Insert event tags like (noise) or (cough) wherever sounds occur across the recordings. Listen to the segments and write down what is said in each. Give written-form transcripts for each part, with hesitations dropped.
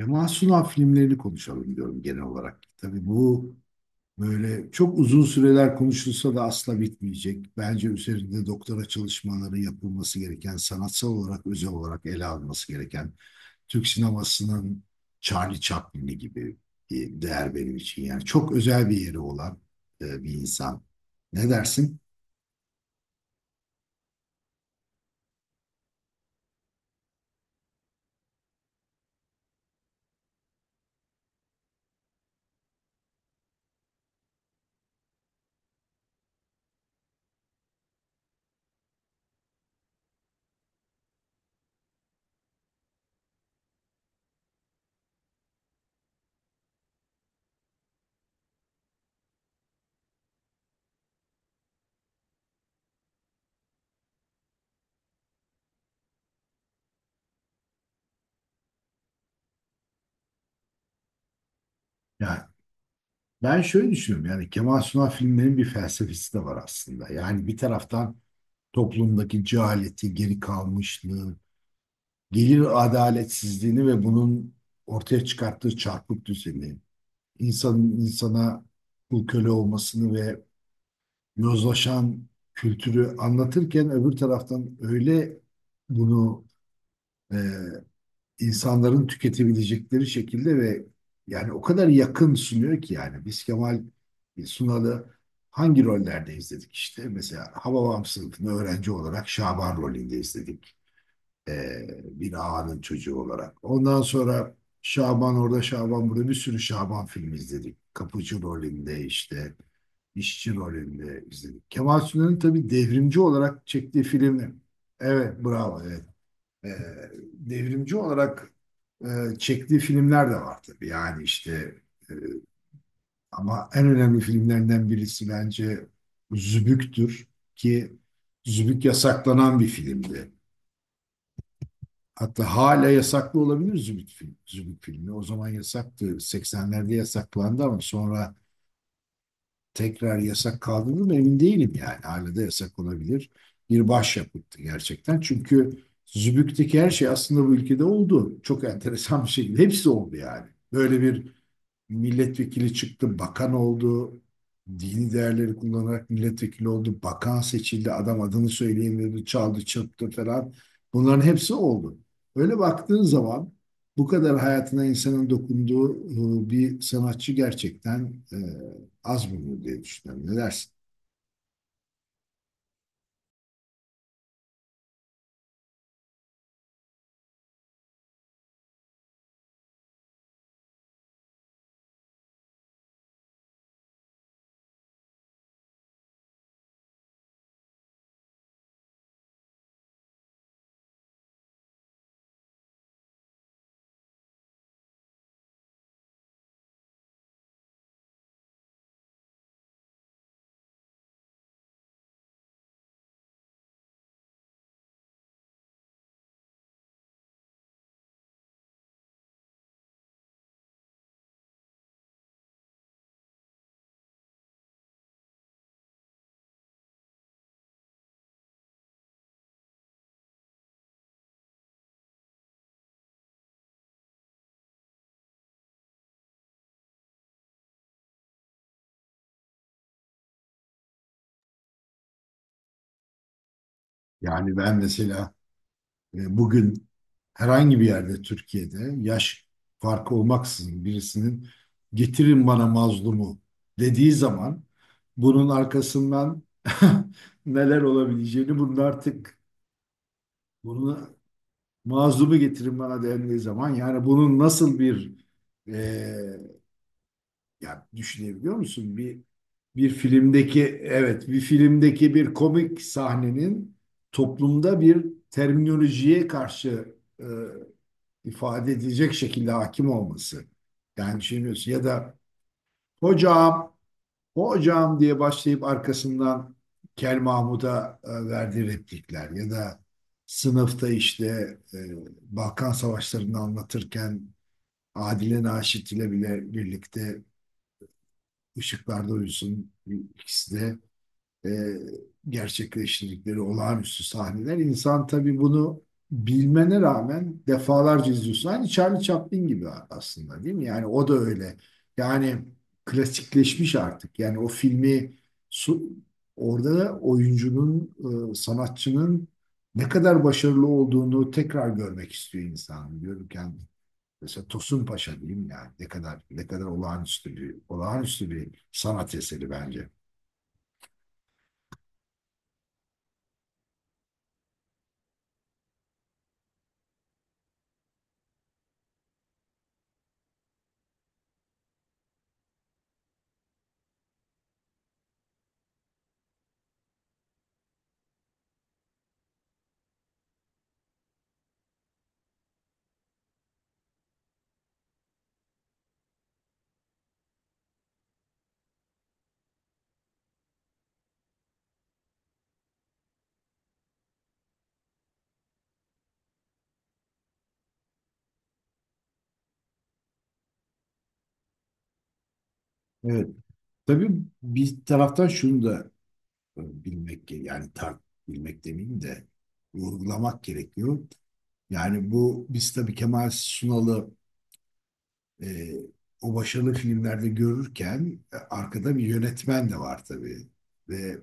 Kemal Sunal filmlerini konuşalım diyorum genel olarak. Tabii bu böyle çok uzun süreler konuşulsa da asla bitmeyecek. Bence üzerinde doktora çalışmaları yapılması gereken, sanatsal olarak, özel olarak ele alınması gereken Türk sinemasının Charlie Chaplin'i gibi bir değer benim için. Yani çok özel bir yeri olan bir insan. Ne dersin? Yani ben şöyle düşünüyorum. Yani Kemal Sunal filmlerinin bir felsefesi de var aslında. Yani bir taraftan toplumdaki cehaleti, geri kalmışlığı, gelir adaletsizliğini ve bunun ortaya çıkarttığı çarpık düzeni, insanın insana kul köle olmasını ve yozlaşan kültürü anlatırken öbür taraftan öyle bunu e, insanların tüketebilecekleri şekilde ve yani o kadar yakın sunuyor ki yani biz Kemal Sunal'ı hangi rollerde izledik işte? Mesela Hababam sınıfını öğrenci olarak Şaban rolünde izledik. Bir ağanın çocuğu olarak. Ondan sonra Şaban orada Şaban burada bir sürü Şaban filmi izledik. Kapıcı rolünde işte işçi rolünde izledik. Kemal Sunal'ın tabii devrimci olarak çektiği filmler. Evet, bravo, evet. Ee, Devrimci olarak e, çektiği filmler de var tabii. Yani işte e, ama en önemli filmlerinden birisi bence Zübük'tür ki Zübük yasaklanan bir filmdi. Hatta hala yasaklı olabilir Zümrüt film, Zümrüt filmi. O zaman yasaktı. 80'lerde yasaklandı ama sonra tekrar yasak kaldırıldı mı emin değilim yani. Hala da yasak olabilir. Bir başyapıttı gerçekten. Çünkü Zübük'teki her şey aslında bu ülkede oldu. Çok enteresan bir şekilde. Hepsi oldu yani. Böyle bir milletvekili çıktı, bakan oldu, dini değerleri kullanarak milletvekili oldu, bakan seçildi, adam adını söyleyemedi, çaldı, çırptı falan. Bunların hepsi oldu. Öyle baktığın zaman bu kadar hayatına insanın dokunduğu bir sanatçı gerçekten e, az bulunur diye düşünüyorum. Ne dersin? Yani ben mesela bugün herhangi bir yerde Türkiye'de yaş farkı olmaksızın birisinin getirin bana mazlumu dediği zaman bunun arkasından (laughs) neler olabileceğini bunun artık bunu mazlumu getirin bana dendiği zaman yani bunun nasıl bir e, ya düşünebiliyor musun bir filmdeki bir komik sahnenin toplumda bir terminolojiye karşı e, ifade edilecek şekilde hakim olması. Yani düşünüyorsun ya da hocam, hocam diye başlayıp arkasından Kel Mahmud'a verdiği replikler ya da sınıfta işte e, Balkan Savaşları'nı anlatırken Adile Naşit ile bile birlikte Işıklarda Uyusun ikisi de e, gerçekleştirdikleri olağanüstü sahneler. İnsan tabii bunu bilmene rağmen defalarca izliyorsun. Aynı Charlie Chaplin gibi aslında değil mi? Yani o da öyle. Yani klasikleşmiş artık. Yani o filmi su- orada oyuncunun, sanatçının ne kadar başarılı olduğunu tekrar görmek istiyor insan. Diyorum ki yani mesela Tosun Paşa diyeyim yani ne kadar olağanüstü bir sanat eseri bence. Evet. Tabii bir taraftan şunu da e, bilmek ge- yani tar bilmek demeyeyim de vurgulamak gerekiyor. Yani bu biz tabii Kemal Sunal'ı e, o başarılı filmlerde görürken arkada bir yönetmen de var tabii. Ve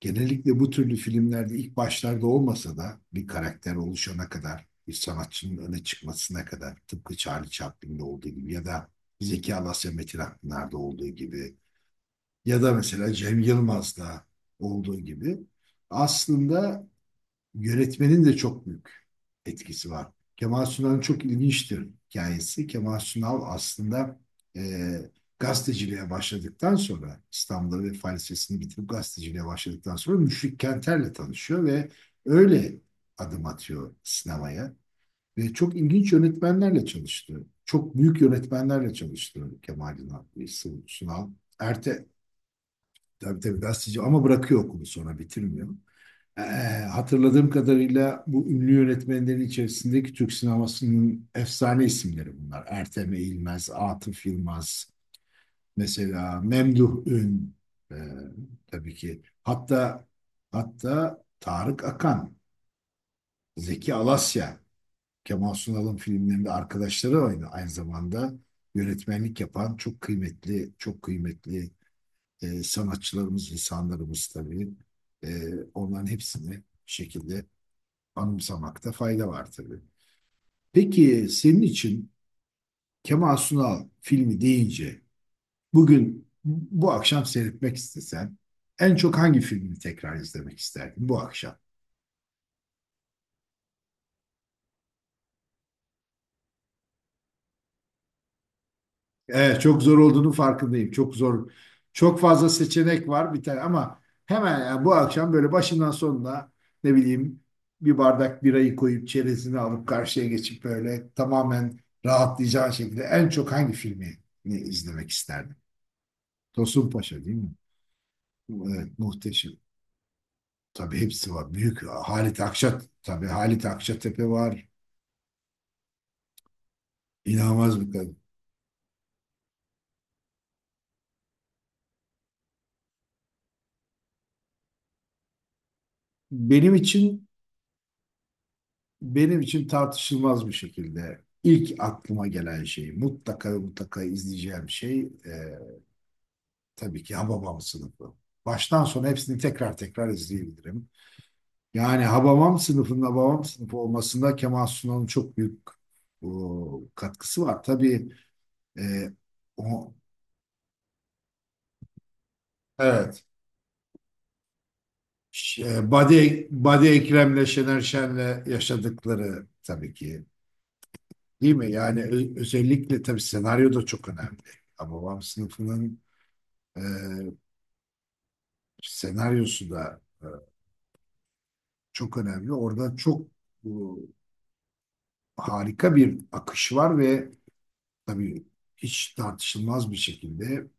genellikle bu türlü filmlerde ilk başlarda olmasa da bir karakter oluşana kadar, bir sanatçının öne çıkmasına kadar tıpkı Charlie Chaplin'de olduğu gibi ya da Zeki Alasya Metin Akpınar'da olduğu gibi ya da mesela Cem Yılmaz'da olduğu gibi aslında yönetmenin de çok büyük etkisi var. Kemal Sunal'ın çok ilginçtir hikayesi. Kemal Sunal aslında e, gazeteciliğe başladıktan sonra İstanbul'da ve Fen Lisesi'ni bitirip gazeteciliğe başladıktan sonra Müşfik Kenter'le tanışıyor ve öyle adım atıyor sinemaya. Ve çok ilginç yönetmenlerle çalıştı. Çok büyük yönetmenlerle çalıştı Kemal Sunal. Sunal. Erte, Tabii tabii gazeteci ama bırakıyor okulu sonra bitirmiyor. Ee, Hatırladığım kadarıyla bu ünlü yönetmenlerin içerisindeki Türk sinemasının efsane isimleri bunlar. Ertem Eğilmez, Atıf Yılmaz, mesela Memduh Ün, e, tabii ki. Hatta Tarık Akan, Zeki Alasya, Kemal Sunal'ın filmlerinde arkadaşları oynadı. Aynı zamanda yönetmenlik yapan çok kıymetli, çok kıymetli sanatçılarımız, insanlarımız tabii. E, Onların hepsini bir şekilde anımsamakta fayda var tabii. Peki senin için Kemal Sunal filmi deyince bugün bu akşam seyretmek istesen en çok hangi filmi tekrar izlemek isterdin bu akşam? Evet, çok zor olduğunu farkındayım. Çok zor. Çok fazla seçenek var bir tane ama hemen yani bu akşam böyle başından sonuna ne bileyim bir bardak birayı koyup çerezini alıp karşıya geçip böyle tamamen rahatlayacağın şekilde en çok hangi filmi izlemek isterdin? Tosun Paşa değil mi? Evet, muhteşem. Tabii hepsi var. Büyük Halit Akçat tabii Halit Akçatepe var. İnanılmaz bir kadın. Benim için benim için tartışılmaz bir şekilde ilk aklıma gelen şey, mutlaka ve mutlaka izleyeceğim şey e, tabii ki Hababam sınıfı. Baştan sona hepsini tekrar tekrar izleyebilirim. Yani Hababam sınıfının Hababam sınıfı olmasında Kemal Sunal'ın çok büyük katkısı var. Tabii e, o, evet Badi, Badi Ekrem'le Şener Şen'le yaşadıkları tabii ki değil mi? Yani özellikle tabii senaryo da çok önemli. Babam sınıfının E, senaryosu da çok önemli. Orada çok bu, harika bir akış var ve tabii hiç tartışılmaz bir şekilde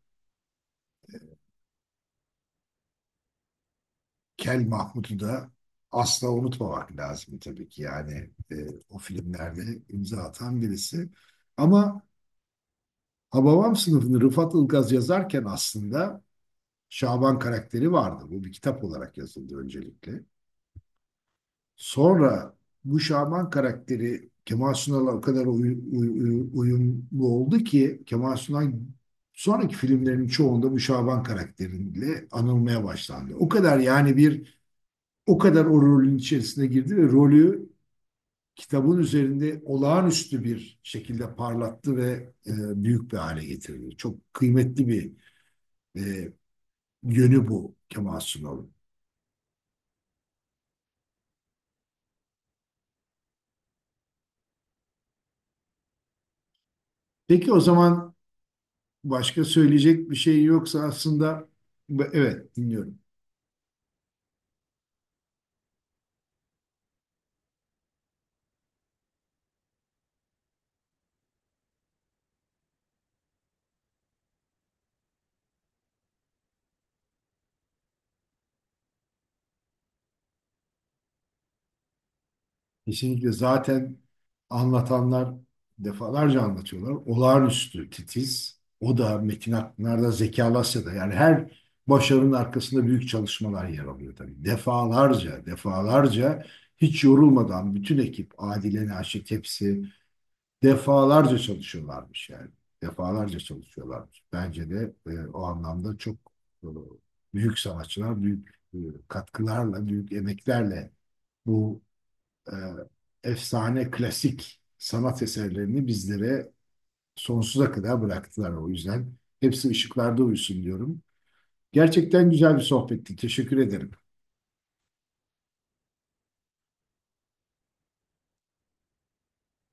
Kel Mahmut'u da asla unutmamak lazım tabii ki. Yani o filmlerde imza atan birisi. Ama Hababam sınıfını Rıfat Ilgaz yazarken aslında Şaban karakteri vardı. Bu bir kitap olarak yazıldı öncelikle. Sonra bu Şaban karakteri Kemal Sunal'a o kadar uy- uy- uyumlu oldu ki Kemal Sunal sonraki filmlerin çoğunda bu Şaban karakteriyle anılmaya başlandı. O kadar o rolün içerisine girdi ve rolü kitabın üzerinde olağanüstü bir şekilde parlattı ve büyük bir hale getirdi. Çok kıymetli bir e, yönü bu Kemal Sunal'ın. Peki o zaman başka söyleyecek bir şey yoksa aslında evet, dinliyorum. Kesinlikle zaten anlatanlar defalarca anlatıyorlar. Olağanüstü titiz. O da Metin Akpınar'da Zeki Alasya'da yani her başarının arkasında büyük çalışmalar yer alıyor tabii. Defalarca hiç yorulmadan bütün ekip Adile Naşit hepsi defalarca çalışıyorlarmış yani. Defalarca çalışıyorlarmış. Bence de o anlamda çok e, büyük sanatçılar, büyük katkılarla, büyük emeklerle bu e, efsane klasik sanat eserlerini bizlere sonsuza kadar bıraktılar. O yüzden hepsi ışıklarda uyusun diyorum. Gerçekten güzel bir sohbetti. Teşekkür ederim.